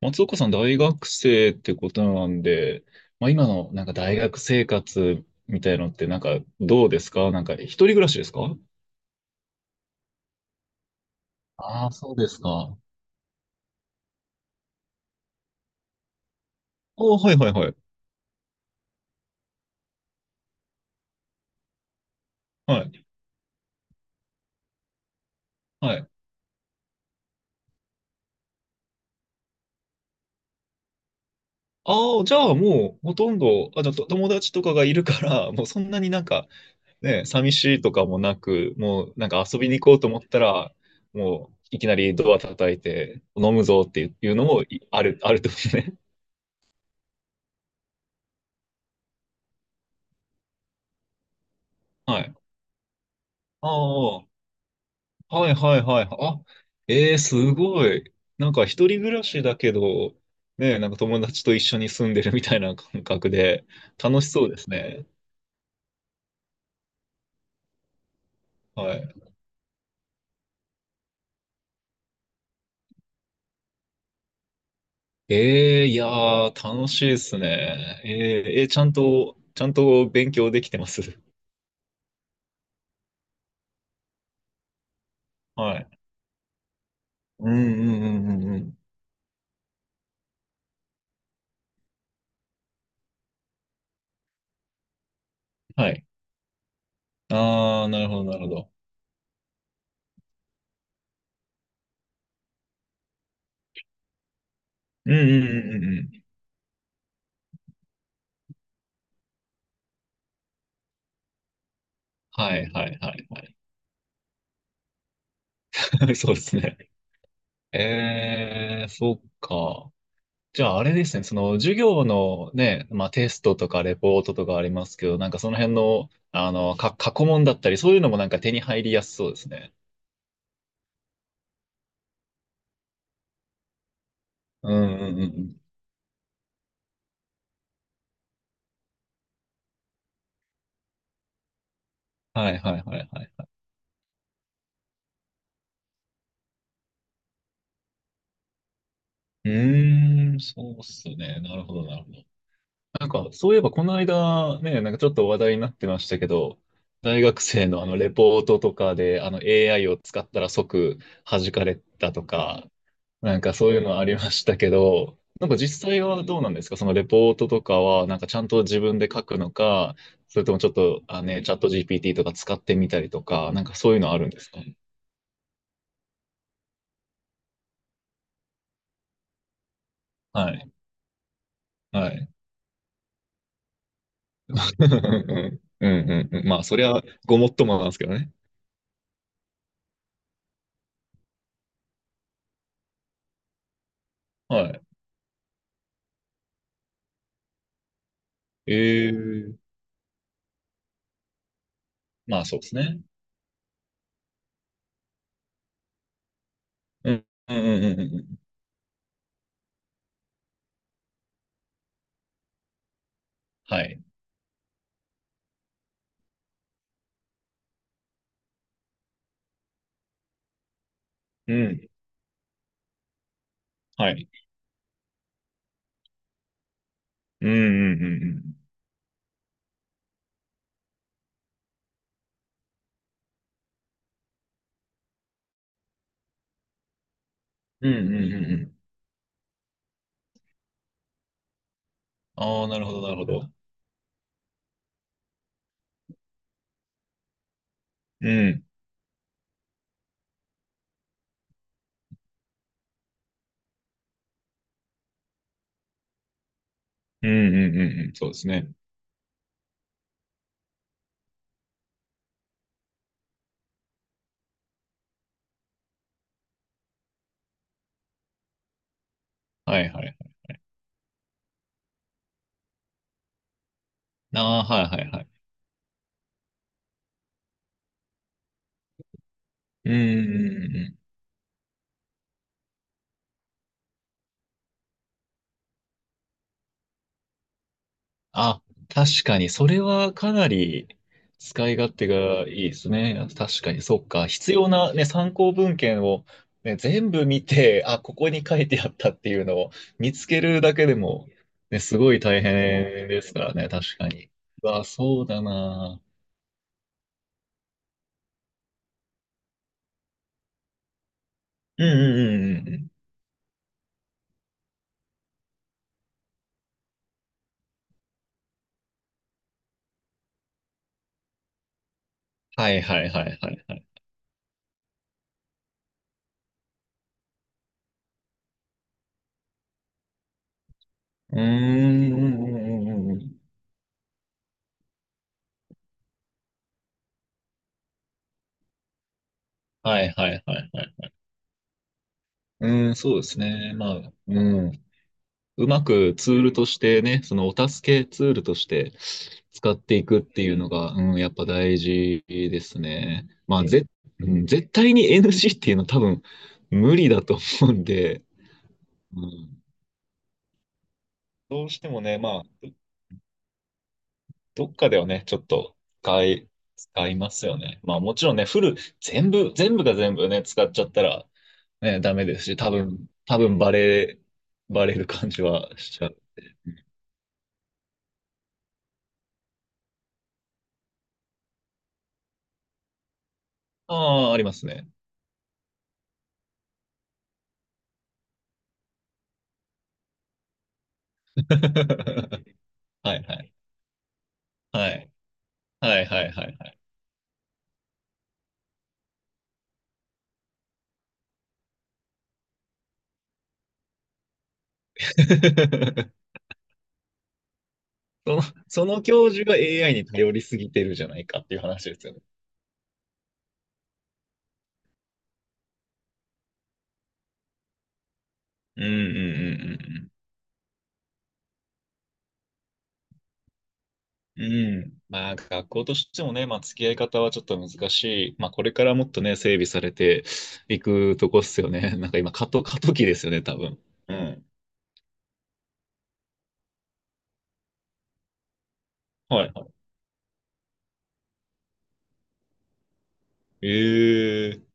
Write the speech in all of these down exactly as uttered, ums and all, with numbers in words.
松岡さん、大学生ってことなんで、まあ、今のなんか大学生活みたいのってなんかどうですか？なんか一人暮らしですか？ああー、そうですか。ああ、はいはいはい。はい。はい。ああ、じゃあもうほとんど、あ、じゃあと友達とかがいるから、もうそんなになんかね、寂しいとかもなく、もうなんか遊びに行こうと思ったら、もういきなりドア叩いて飲むぞっていうのもいある、あるってことね。はい。ああ、はいはいはい。あ、えー、すごい。なんか一人暮らしだけど、ね、なんか友達と一緒に住んでるみたいな感覚で、楽しそうですね。はい。えー、いやー、楽しいですね。えー、えーちゃんと、ちゃんと勉強できてます？はい。うんうんうんうんうん。はい。あー、なるほどなるほど。うんうんうんうんうん。はいはいはいはい。そうですね。えー、そっか。じゃああれですね、その授業のね、まあテストとかレポートとかありますけど、なんかその辺の、あの、か、過去問だったり、そういうのもなんか手に入りやすそうですね。うんうんうんうん。はいはいはいはい。うーん、そうっすね。なるほどなるほど。なんかそういえばこの間ね、なんかちょっと話題になってましたけど、大学生のあのレポートとかであの エーアイ を使ったら即弾かれたとか、なんかそういうのはありましたけど、なんか実際はどうなんですか？そのレポートとかは、なんかちゃんと自分で書くのか、それともちょっと、あ、ね、チャット ジーピーティー とか使ってみたりとか、なんかそういうのあるんですか？はい。はい。うんうんうん。まあ、そりゃ、ごもっともなんですけどね。はい。ええ、まあ、そうですね。うん。うんうんうんうんうん。はい。うん。はい。うんうんうんうん。うんうんうんうん。ああ、なるほど、なるほど。うん。うんうんうんうん。そうですね。はいはい、ああ、はいはいはい。うーん。あ、確かに、それはかなり使い勝手がいいですね。確かに、そっか。必要な、ね、参考文献を、ね、全部見て、あ、ここに書いてあったっていうのを見つけるだけでも、ね、すごい大変ですからね、確かに。うわ、そうだな。うんうんうんうんうん。はいはいはいはいはい。うーん。うんうんうんうんうん、はいはいはいはい。うーん、そうですね。まあ、うん。うまくツールとしてね、そのお助けツールとして使っていくっていうのが、うん、やっぱ大事ですね。まあ、ぜ、うん、絶対に エヌジー っていうのは多分無理だと思うんで、うん、どうしてもね、まあ、どっかではね、ちょっと使い、使いますよね。まあもちろんね、フル、全部、全部が全部ね、使っちゃったら、ね、ダメですし、多分、多分バレ、バレる感じはしちゃう。ああ、ありますね。はいはい。はい。はいはいはいはい。その、その教授が エーアイ に頼りすぎてるじゃないかっていう話ですよね。うんうんうんうんうん。うん。まあ学校としてもね、まあ付き合い方はちょっと難しい。まあこれからもっとね、整備されていくとこっすよね。なんか今過渡、過渡期ですよね、多分。うん。はいはい。ええ、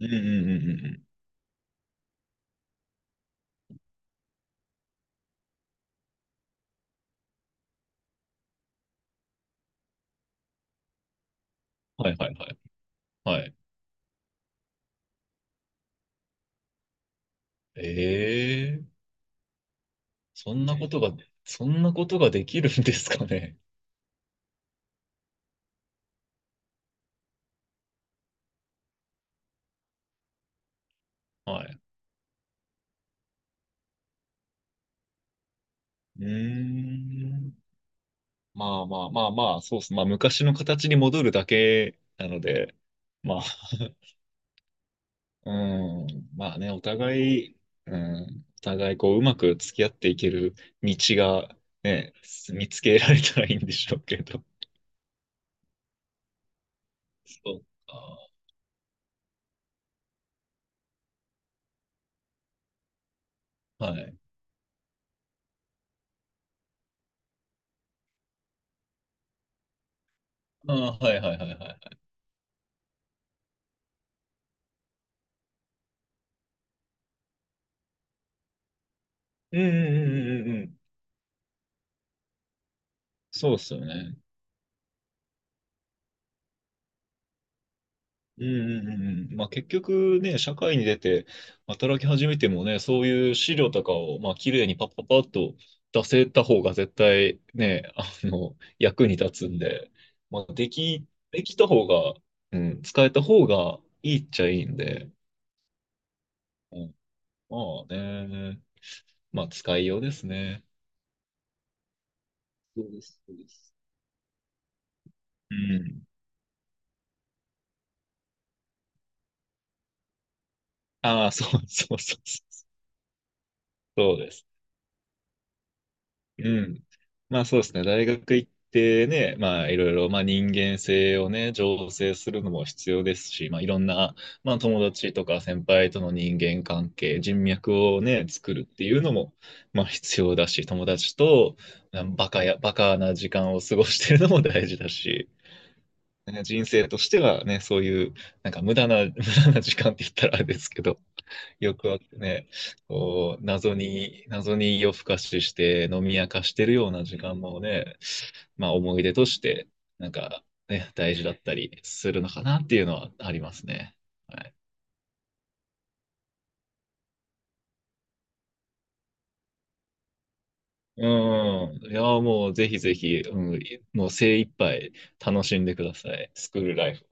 うんうんうんうんうん。はいはいはい。はい。ええ、そんなことが、そんなことができるんですかね。はい。うーん。まあまあまあまあ、そうっす。まあ昔の形に戻るだけなので、まあ、うん、まあね、お互い、うん、お互いこう、うまく付き合っていける道がね、見つけられたらいいんでしょうけど。そうか。はい。ああ、はいはいはいはい。うんうんうんうんうん。そうっすよね。うんうんうんうん。まあ結局ね、社会に出て働き始めてもね、そういう資料とかを、まあ綺麗にパッパッパッと出せた方が絶対ね、あの、役に立つんで、まあでき、できた方が、うん、使えた方がいいっちゃいいんで、うん、まあね、まあ使いようですね。そうです、そうです。うん。ああ、そうそうそうそう。そうです。うん。まあそうですね。大学行ってね、まあいろいろ、まあ人間性をね、醸成するのも必要ですし、まあいろんな、まあ友達とか先輩との人間関係、人脈をね、作るっていうのも、まあ必要だし、友達と、まあバカや、バカな時間を過ごしてるのも大事だし、ね、人生としてはね、そういう、なんか無駄な、無駄な時間って言ったらあれですけど、欲はね、こう、謎に、謎に夜更かしして飲み明かしてるような時間もね、まあ思い出として、なんかね、大事だったりするのかなっていうのはありますね。はい。うん。いや、もうぜひぜひ、うん、もう精一杯楽しんでください。スクールライフ。